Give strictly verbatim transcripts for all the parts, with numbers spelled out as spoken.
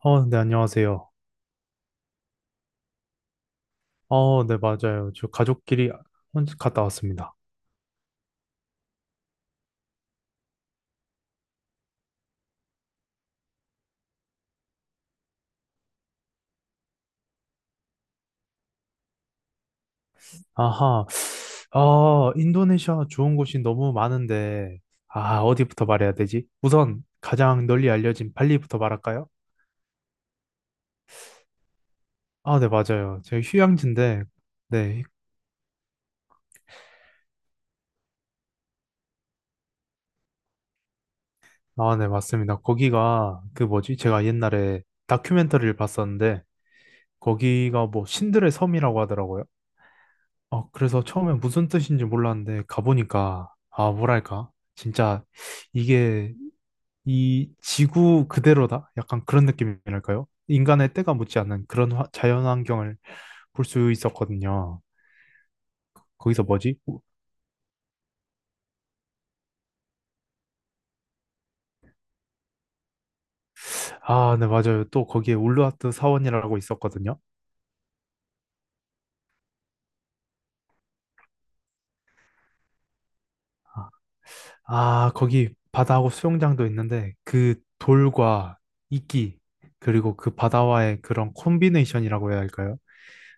어, 네, 안녕하세요. 어, 네, 맞아요. 저 가족끼리 혼자 갔다 왔습니다. 아하. 아, 인도네시아 좋은 곳이 너무 많은데, 아, 어디부터 말해야 되지? 우선 가장 널리 알려진 발리부터 말할까요? 아, 네, 맞아요. 제가 휴양지인데, 네, 아, 네, 맞습니다. 거기가 그 뭐지? 제가 옛날에 다큐멘터리를 봤었는데, 거기가 뭐 신들의 섬이라고 하더라고요. 어, 그래서 처음에 무슨 뜻인지 몰랐는데 가보니까 아, 뭐랄까? 진짜 이게 이 지구 그대로다? 약간 그런 느낌이랄까요? 인간의 때가 묻지 않는 그런 화- 자연환경을 볼 수 있었거든요. 거기서 뭐지? 아, 네, 맞아요. 또 거기에 울루와트 사원이라고 있었거든요. 아, 아, 거기 바다하고 수영장도 있는데 그 돌과 이끼 그리고 그 바다와의 그런 콤비네이션이라고 해야 할까요?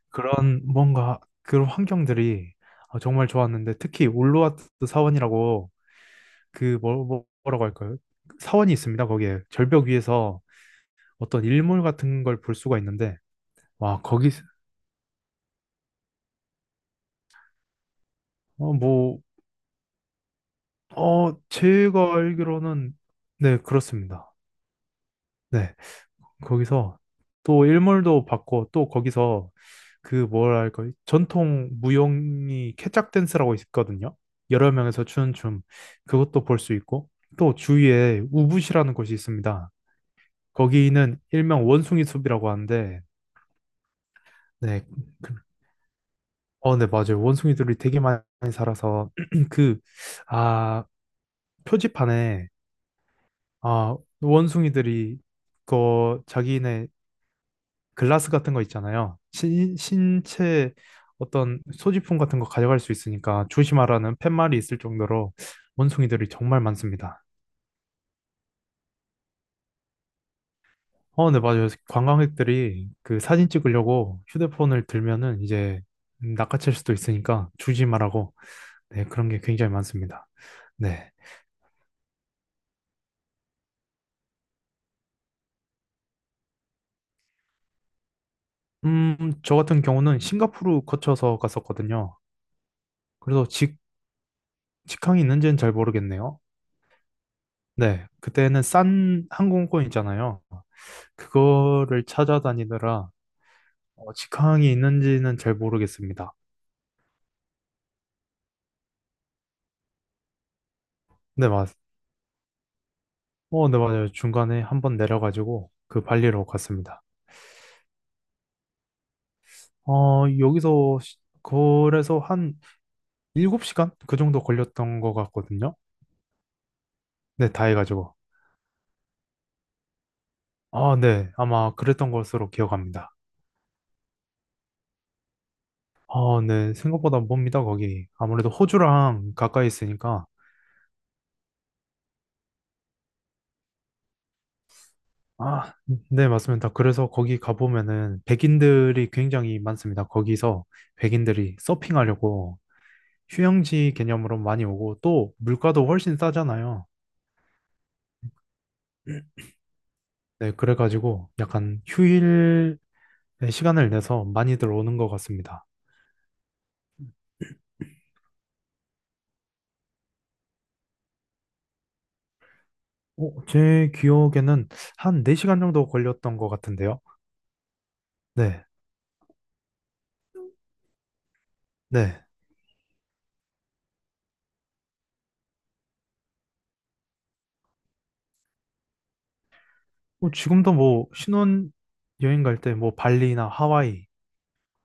그런 뭔가 그런 환경들이 어, 정말 좋았는데 특히 올로와트 사원이라고 그 뭐, 뭐- 뭐라고 할까요? 그 사원이 있습니다. 거기에 절벽 위에서 어떤 일몰 같은 걸 볼 수가 있는데 와, 거기 어, 뭐 어, 제가 알기로는 네, 그렇습니다. 네. 거기서 또 일몰도 받고 또 거기서 그 뭐랄까 전통 무용이 케짝 댄스라고 있거든요. 여러 명에서 추는 춤, 그것도 볼 수 있고 또 주위에 우붓이라는 곳이 있습니다. 거기는 일명 원숭이 숲이라고 하는데. 네. 그- 어, 네, 맞아요. 원숭이들이 되게 많이 살아서 그 아, 표지판에, 아, 원숭이들이 그 자기네 글라스 같은 거 있잖아요. 신, 신체 어떤 소지품 같은 거 가져갈 수 있으니까 조심하라는 팻말이 있을 정도로 원숭이들이 정말 많습니다. 어, 네, 맞아요. 관광객들이 그 사진 찍으려고 휴대폰을 들면은 이제 낚아챌 수도 있으니까 조심하라고. 네, 그런 게 굉장히 많습니다. 네. 음, 저 같은 경우는 싱가포르 거쳐서 갔었거든요. 그래서 직, 직항이 있는지는 잘 모르겠네요. 네, 그때는 싼 항공권 있잖아요. 그거를 찾아다니느라 어, 직항이 있는지는 잘 모르겠습니다. 네, 맞, 어, 네, 맞아요. 중간에 한번 내려가지고 그 발리로 갔습니다. 어, 여기서 시- 그래서 한 일곱 시간? 그 정도 걸렸던 것 같거든요. 네, 다 해가지고. 아, 네. 아마 그랬던 것으로 기억합니다. 아, 네. 생각보다 멉니다, 거기. 아무래도 호주랑 가까이 있으니까. 아, 네, 맞습니다. 그래서 거기 가보면은 백인들이 굉장히 많습니다. 거기서 백인들이 서핑하려고 휴양지 개념으로 많이 오고 또 물가도 훨씬 싸잖아요. 네, 그래가지고 약간 휴일 시간을 내서 많이들 오는 것 같습니다. 어, 제 기억에는 한 네 시간 정도 걸렸던 것 같은데요. 네, 네. 어, 지금도 뭐 신혼 여행 갈 때 뭐 발리나 하와이,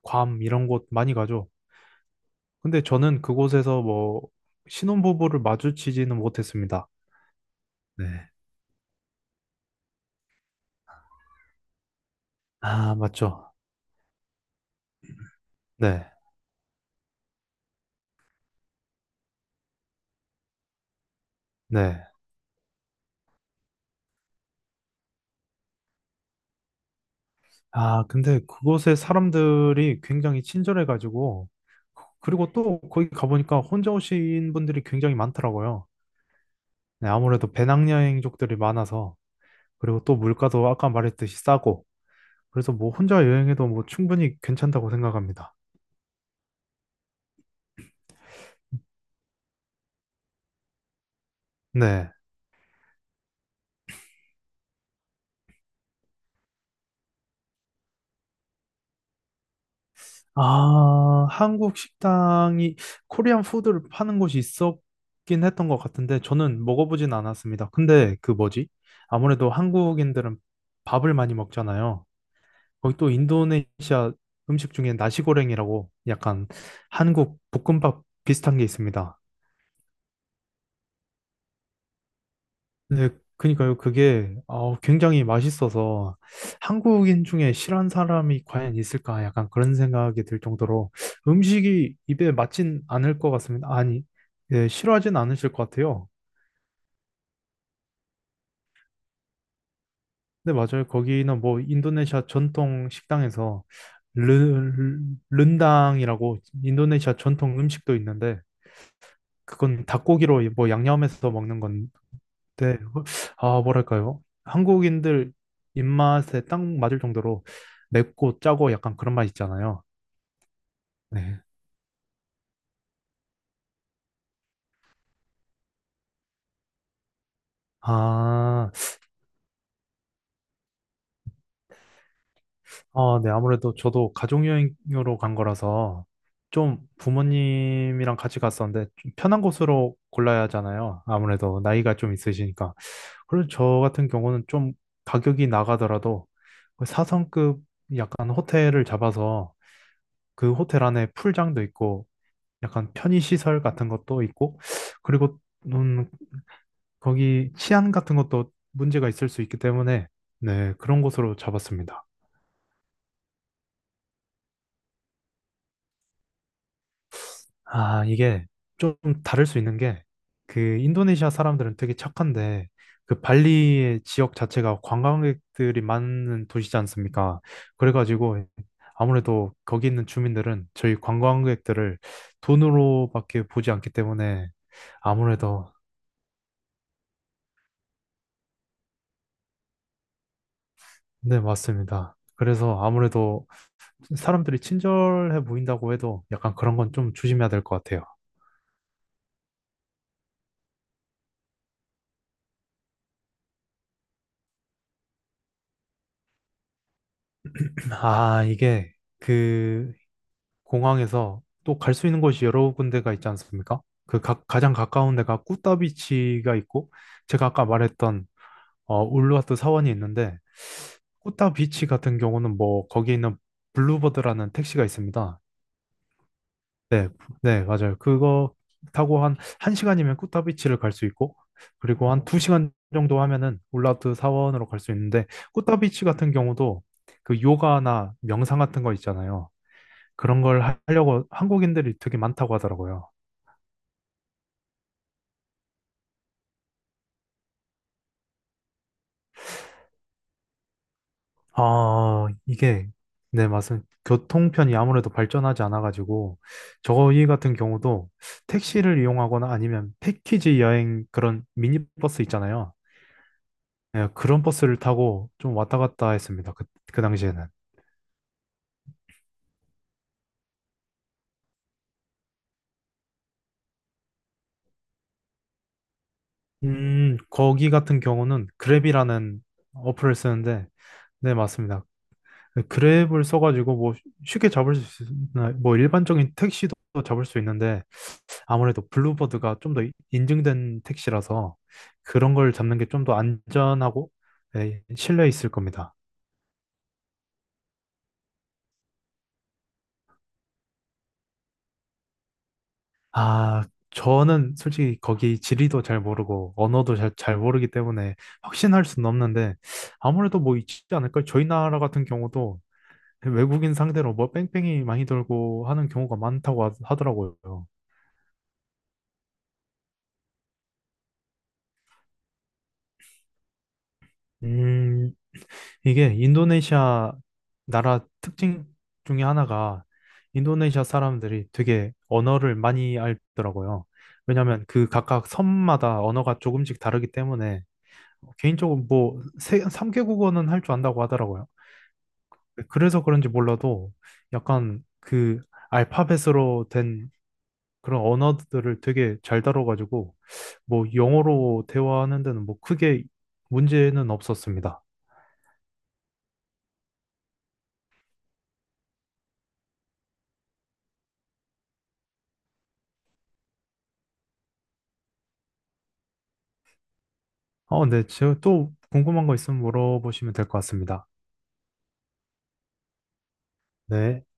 괌 이런 곳 많이 가죠. 근데 저는 그곳에서 뭐 신혼부부를 마주치지는 못했습니다. 네. 아, 맞죠. 네, 네. 아, 근데 그곳의 사람들이 굉장히 친절해가지고, 그- 그리고 또 거기 가보니까 혼자 오신 분들이 굉장히 많더라고요. 네, 아무래도 배낭여행족들이 많아서, 그리고 또 물가도 아까 말했듯이 싸고, 그래서 뭐 혼자 여행해도 뭐 충분히 괜찮다고 생각합니다. 네. 아, 한국 식당이, 코리안 푸드를 파는 곳이 있었긴 했던 것 같은데 저는 먹어보진 않았습니다. 근데 그 뭐지? 아무래도 한국인들은 밥을 많이 먹잖아요. 거기 또 인도네시아 음식 중에 나시고랭이라고 약간 한국 볶음밥 비슷한 게 있습니다. 네, 그니까요. 그게 어, 굉장히 맛있어서 한국인 중에 싫어하는 사람이 과연 있을까? 약간 그런 생각이 들 정도로 음식이 입에 맞진 않을 것 같습니다. 아니, 네, 싫어하진 않으실 것 같아요. 네, 맞아요. 거기는 뭐 인도네시아 전통 식당에서 르, 른당이라고 인도네시아 전통 음식도 있는데, 그건 닭고기로 뭐 양념해서 먹는, 네, 뭐- 아, 뭐랄까요? 한국인들 입맛에 딱 맞을 정도로 맵고 짜고 약간 그런 맛 있잖아요. 네. 아, 아, 네. 아무래도 저도 가족여행으로 간 거라서 좀 부모님이랑 같이 갔었는데 좀 편한 곳으로 골라야 하잖아요. 아무래도 나이가 좀 있으시니까. 그리고 저 같은 경우는 좀 가격이 나가더라도 그 사성급 약간 호텔을 잡아서 그 호텔 안에 풀장도 있고 약간 편의시설 같은 것도 있고, 그리고, 음, 거기 치안 같은 것도 문제가 있을 수 있기 때문에, 네, 그런 곳으로 잡았습니다. 아, 이게 좀 다를 수 있는 게, 그 인도네시아 사람들은 되게 착한데, 그 발리의 지역 자체가 관광객들이 많은 도시지 않습니까? 그래가지고, 아무래도 거기 있는 주민들은 저희 관광객들을 돈으로밖에 보지 않기 때문에, 아무래도, 네, 맞습니다. 그래서 아무래도 사람들이 친절해 보인다고 해도 약간 그런 건 좀 조심해야 될 것 같아요. 아, 이게 그 공항에서 또 갈 수 있는 곳이 여러 군데가 있지 않습니까? 그 가, 장 가까운 데가 꾸따비치가 있고 제가 아까 말했던 어, 울루와트 사원이 있는데, 꾸따비치 같은 경우는 뭐 거기 있는 블루버드라는 택시가 있습니다. 네, 네, 맞아요. 그거 타고 한 1시간이면 꾸타비치를 갈 수 있고, 그리고 한두 두 시간 정도 하면은 울라트 사원으로 갈 수 있는데, 꾸타비치 같은 경우도 그 요가나 명상 같은 거 있잖아요. 그런 걸 하- 하려고 한국인들이 되게 많다고 하더라고요. 아, 이게, 네, 맞습니다. 교통편이 아무래도 발전하지 않아가지고, 저희 같은 경우도 택시를 이용하거나 아니면 패키지 여행 그런 미니버스 있잖아요. 네, 그런 버스를 타고 좀 왔다 갔다 했습니다. 그, 그 당시에는. 음, 거기 같은 경우는 그랩이라는 어플을 쓰는데, 네, 맞습니다. 그 그랩을 써가지고 뭐 쉽게 잡을 수 있는, 뭐 일반적인 택시도 잡을 수 있는데, 아무래도 블루버드가 좀 더 인증된 택시라서 그런 걸 잡는 게 좀 더 안전하고, 네, 신뢰 있을 겁니다. 아, 저는 솔직히 거기 지리도 잘 모르고 언어도 잘, 잘 모르기 때문에 확신할 수는 없는데 아무래도 뭐 있지 않을까요? 저희 나라 같은 경우도 외국인 상대로 뭐 뺑뺑이 많이 돌고 하는 경우가 많다고 하- 하더라고요. 음, 이게 인도네시아 나라 특징 중에 하나가 인도네시아 사람들이 되게 언어를 많이 알더라고요. 왜냐하면 그 각각 섬마다 언어가 조금씩 다르기 때문에 뭐 개인적으로 뭐 세, 삼 개국어는 할 줄 안다고 하더라고요. 그래서 그런지 몰라도 약간 그 알파벳으로 된 그런 언어들을 되게 잘 다뤄가지고 뭐 영어로 대화하는 데는 뭐 크게 문제는 없었습니다. 어, 네. 제가 또 궁금한 거 있으면 물어보시면 될 것 같습니다. 네.